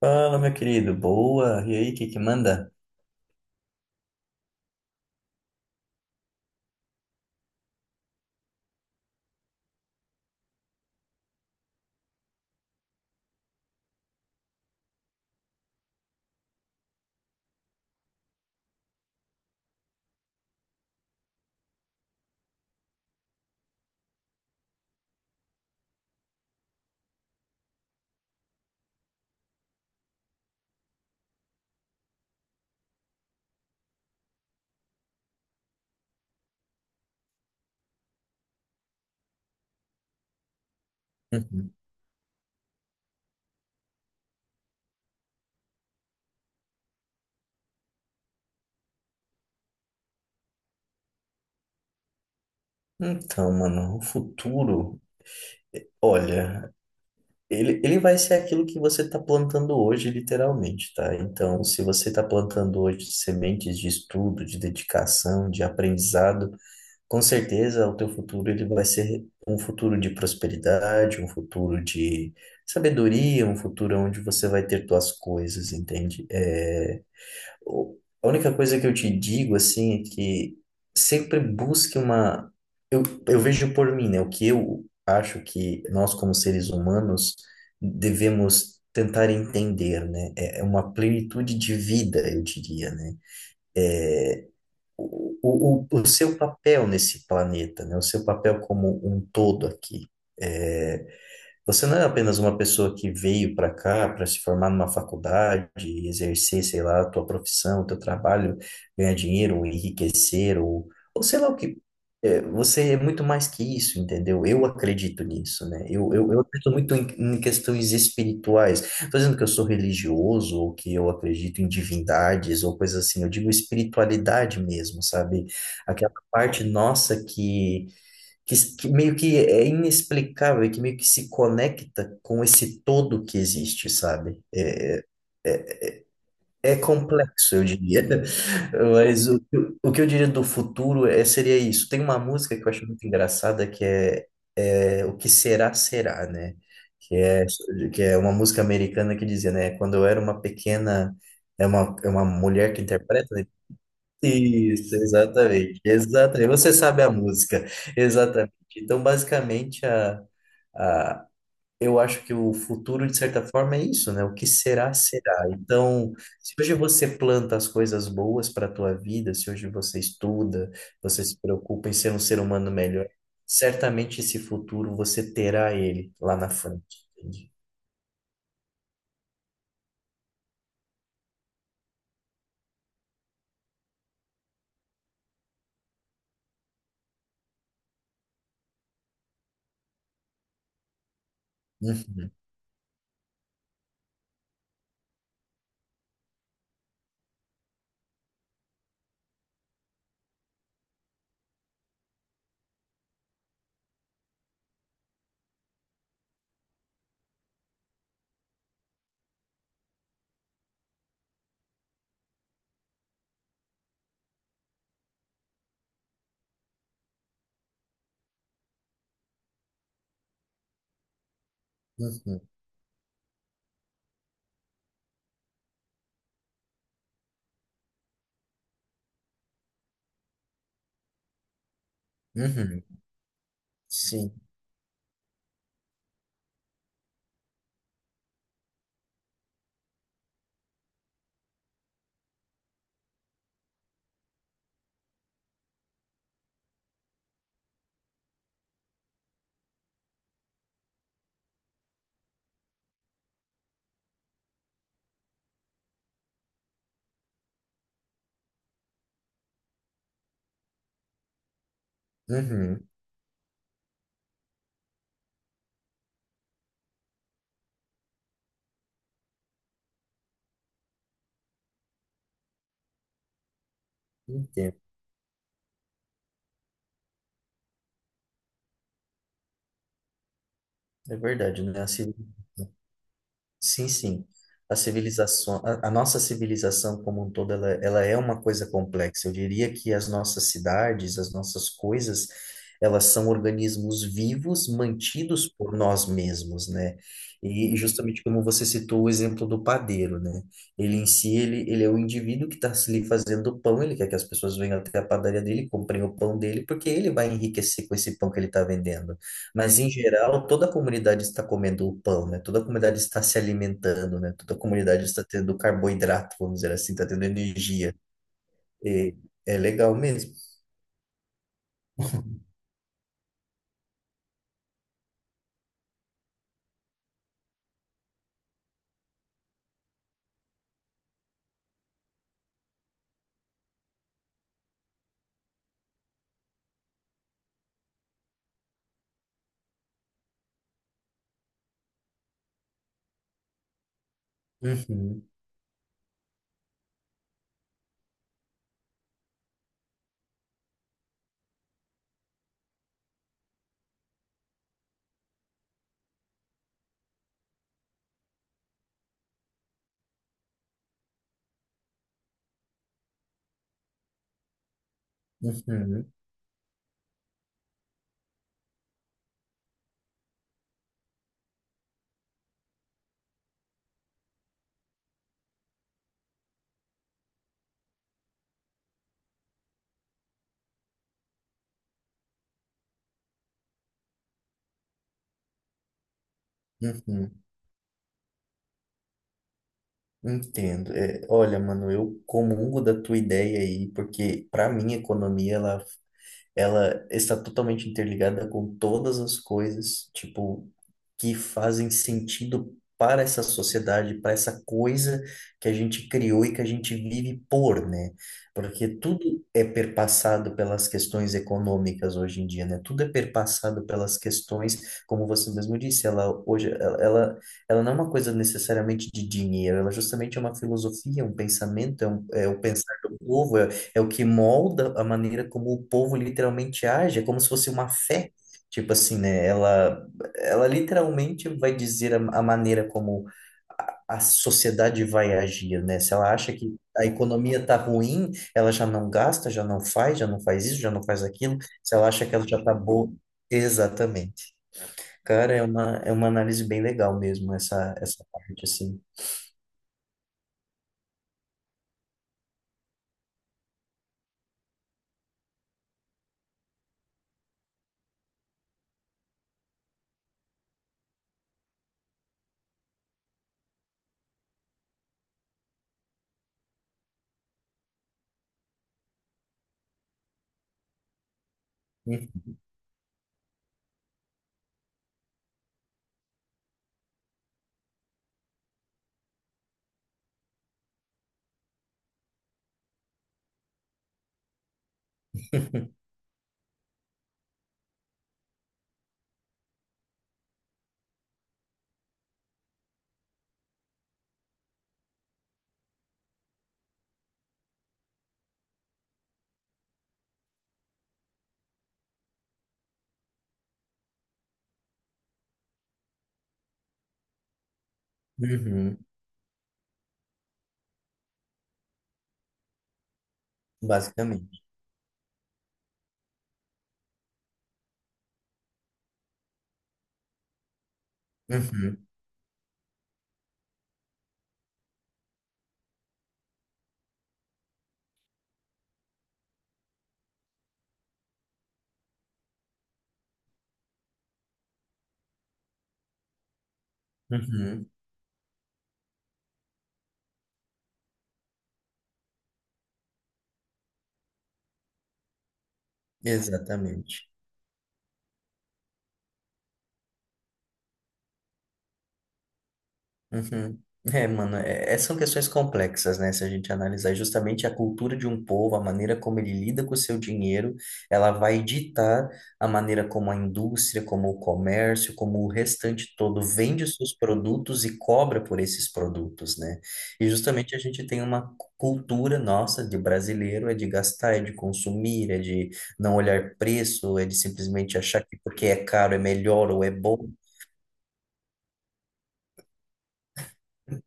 Fala, meu querido, boa. E aí, o que manda? Uhum. Então, mano, o futuro, olha, ele vai ser aquilo que você está plantando hoje, literalmente, tá? Então, se você está plantando hoje sementes de estudo, de dedicação, de aprendizado, com certeza o teu futuro ele vai ser um futuro de prosperidade, um futuro de sabedoria, um futuro onde você vai ter tuas coisas, entende? A única coisa que eu te digo, assim, é que sempre busque uma. Eu, eu vejo por mim, né? O que eu acho que nós, como seres humanos, devemos tentar entender, né? É uma plenitude de vida, eu diria, né? O seu papel nesse planeta, né? O seu papel como um todo aqui. é, Você não é apenas uma pessoa que veio para cá para se formar numa faculdade, e exercer, sei lá, a tua profissão, o teu trabalho, ganhar dinheiro, ou enriquecer, ou sei lá o que. É, você é muito mais que isso, entendeu? Eu acredito nisso, né? Eu acredito muito em, em questões espirituais. Estou dizendo que eu sou religioso, ou que eu acredito em divindades, ou coisas assim. Eu digo espiritualidade mesmo, sabe? Aquela parte nossa que meio que é inexplicável, e que meio que se conecta com esse todo que existe, sabe? É complexo, eu diria. Mas o que eu diria do futuro é, seria isso. Tem uma música que eu acho muito engraçada que é, é O que será, será, né? Que é, que é uma música americana que dizia, né? Quando eu era uma pequena. É uma mulher que interpreta, né? Isso, exatamente, exatamente. Você sabe a música, exatamente. Então, basicamente, a, eu acho que o futuro, de certa forma, é isso, né? O que será, será. Então, se hoje você planta as coisas boas para a tua vida, se hoje você estuda, você se preocupa em ser um ser humano melhor, certamente esse futuro você terá ele lá na frente, entende? Uhum, uhum, uhum, sim, uhum, entendo. É verdade, né? Assim, sim, sim. A civilização, a nossa civilização como um todo, ela é uma coisa complexa. Eu diria que as nossas cidades, as nossas coisas, elas são organismos vivos mantidos por nós mesmos, né? E justamente como você citou o exemplo do padeiro, né? Ele em si, ele é o indivíduo que está ali fazendo o pão, ele quer que as pessoas venham até a padaria dele, comprem o pão dele, porque ele vai enriquecer com esse pão que ele está vendendo. Mas, em geral, toda a comunidade está comendo o pão, né? Toda a comunidade está se alimentando, né? Toda a comunidade está tendo carboidrato, vamos dizer assim, está tendo energia. E é legal mesmo. Uhum, uhum, uhum. Entendo. É, olha, mano, eu comungo da tua ideia aí, porque para mim a economia ela está totalmente interligada com todas as coisas, tipo, que fazem sentido para essa sociedade, para essa coisa que a gente criou e que a gente vive por, né? Porque tudo é perpassado pelas questões econômicas hoje em dia, né? Tudo é perpassado pelas questões, como você mesmo disse, ela ela não é uma coisa necessariamente de dinheiro, ela justamente é uma filosofia, um pensamento, é o pensar do povo, é o que molda a maneira como o povo literalmente age, é como se fosse uma fé. Tipo assim, né? Ela literalmente vai dizer a maneira como a sociedade vai agir, né? Se ela acha que a economia tá ruim, ela já não gasta, já não faz isso, já não faz aquilo. Se ela acha que ela já tá boa. Exatamente. Cara, é uma análise bem legal mesmo, essa parte, assim. Uhum, basicamente. Uhum, uhum, exatamente. Uhum. É, mano, são questões complexas, né? Se a gente analisar justamente a cultura de um povo, a maneira como ele lida com o seu dinheiro, ela vai ditar a maneira como a indústria, como o comércio, como o restante todo vende os seus produtos e cobra por esses produtos, né? E justamente a gente tem uma cultura nossa de brasileiro, é de gastar, é de consumir, é de não olhar preço, é de simplesmente achar que porque é caro é melhor ou é bom.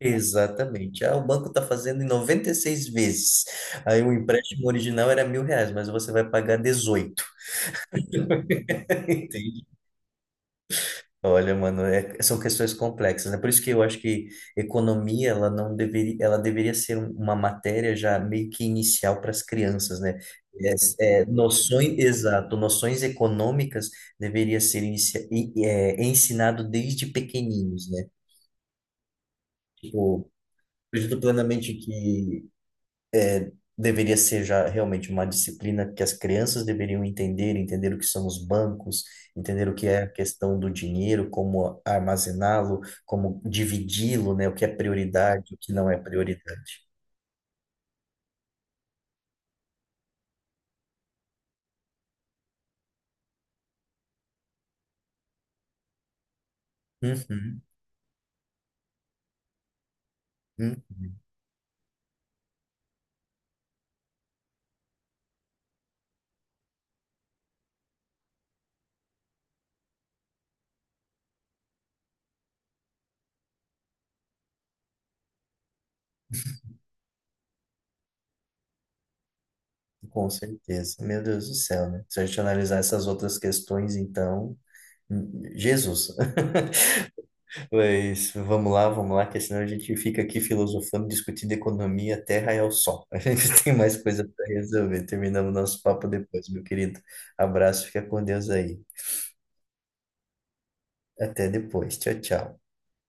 Exatamente. Ah, o banco está fazendo em 96 vezes. Aí o empréstimo original era 1.000 reais, mas você vai pagar dezoito. Entende? Olha, mano, é- são questões complexas, né? Por isso que eu acho que economia, ela não deveria, ela deveria ser uma matéria já meio que inicial para as crianças, né? É, é, noções, exato, noções econômicas deveria ser é, ensinado desde pequeninos, né? Tipo, acredito plenamente que deveria ser já realmente uma disciplina que as crianças deveriam entender, entender o que são os bancos, entender o que é a questão do dinheiro, como armazená-lo, como dividi-lo, né? O que é prioridade, o que não é prioridade. Uhum, uhum, com certeza. Meu Deus do céu, né? Se a gente analisar essas outras questões, então, Jesus. Mas vamos lá, que senão a gente fica aqui filosofando, discutindo economia, a terra é o sol. A gente tem mais coisa para resolver. Terminamos nosso papo depois, meu querido. Abraço, fica com Deus aí. Até depois. Tchau, tchau.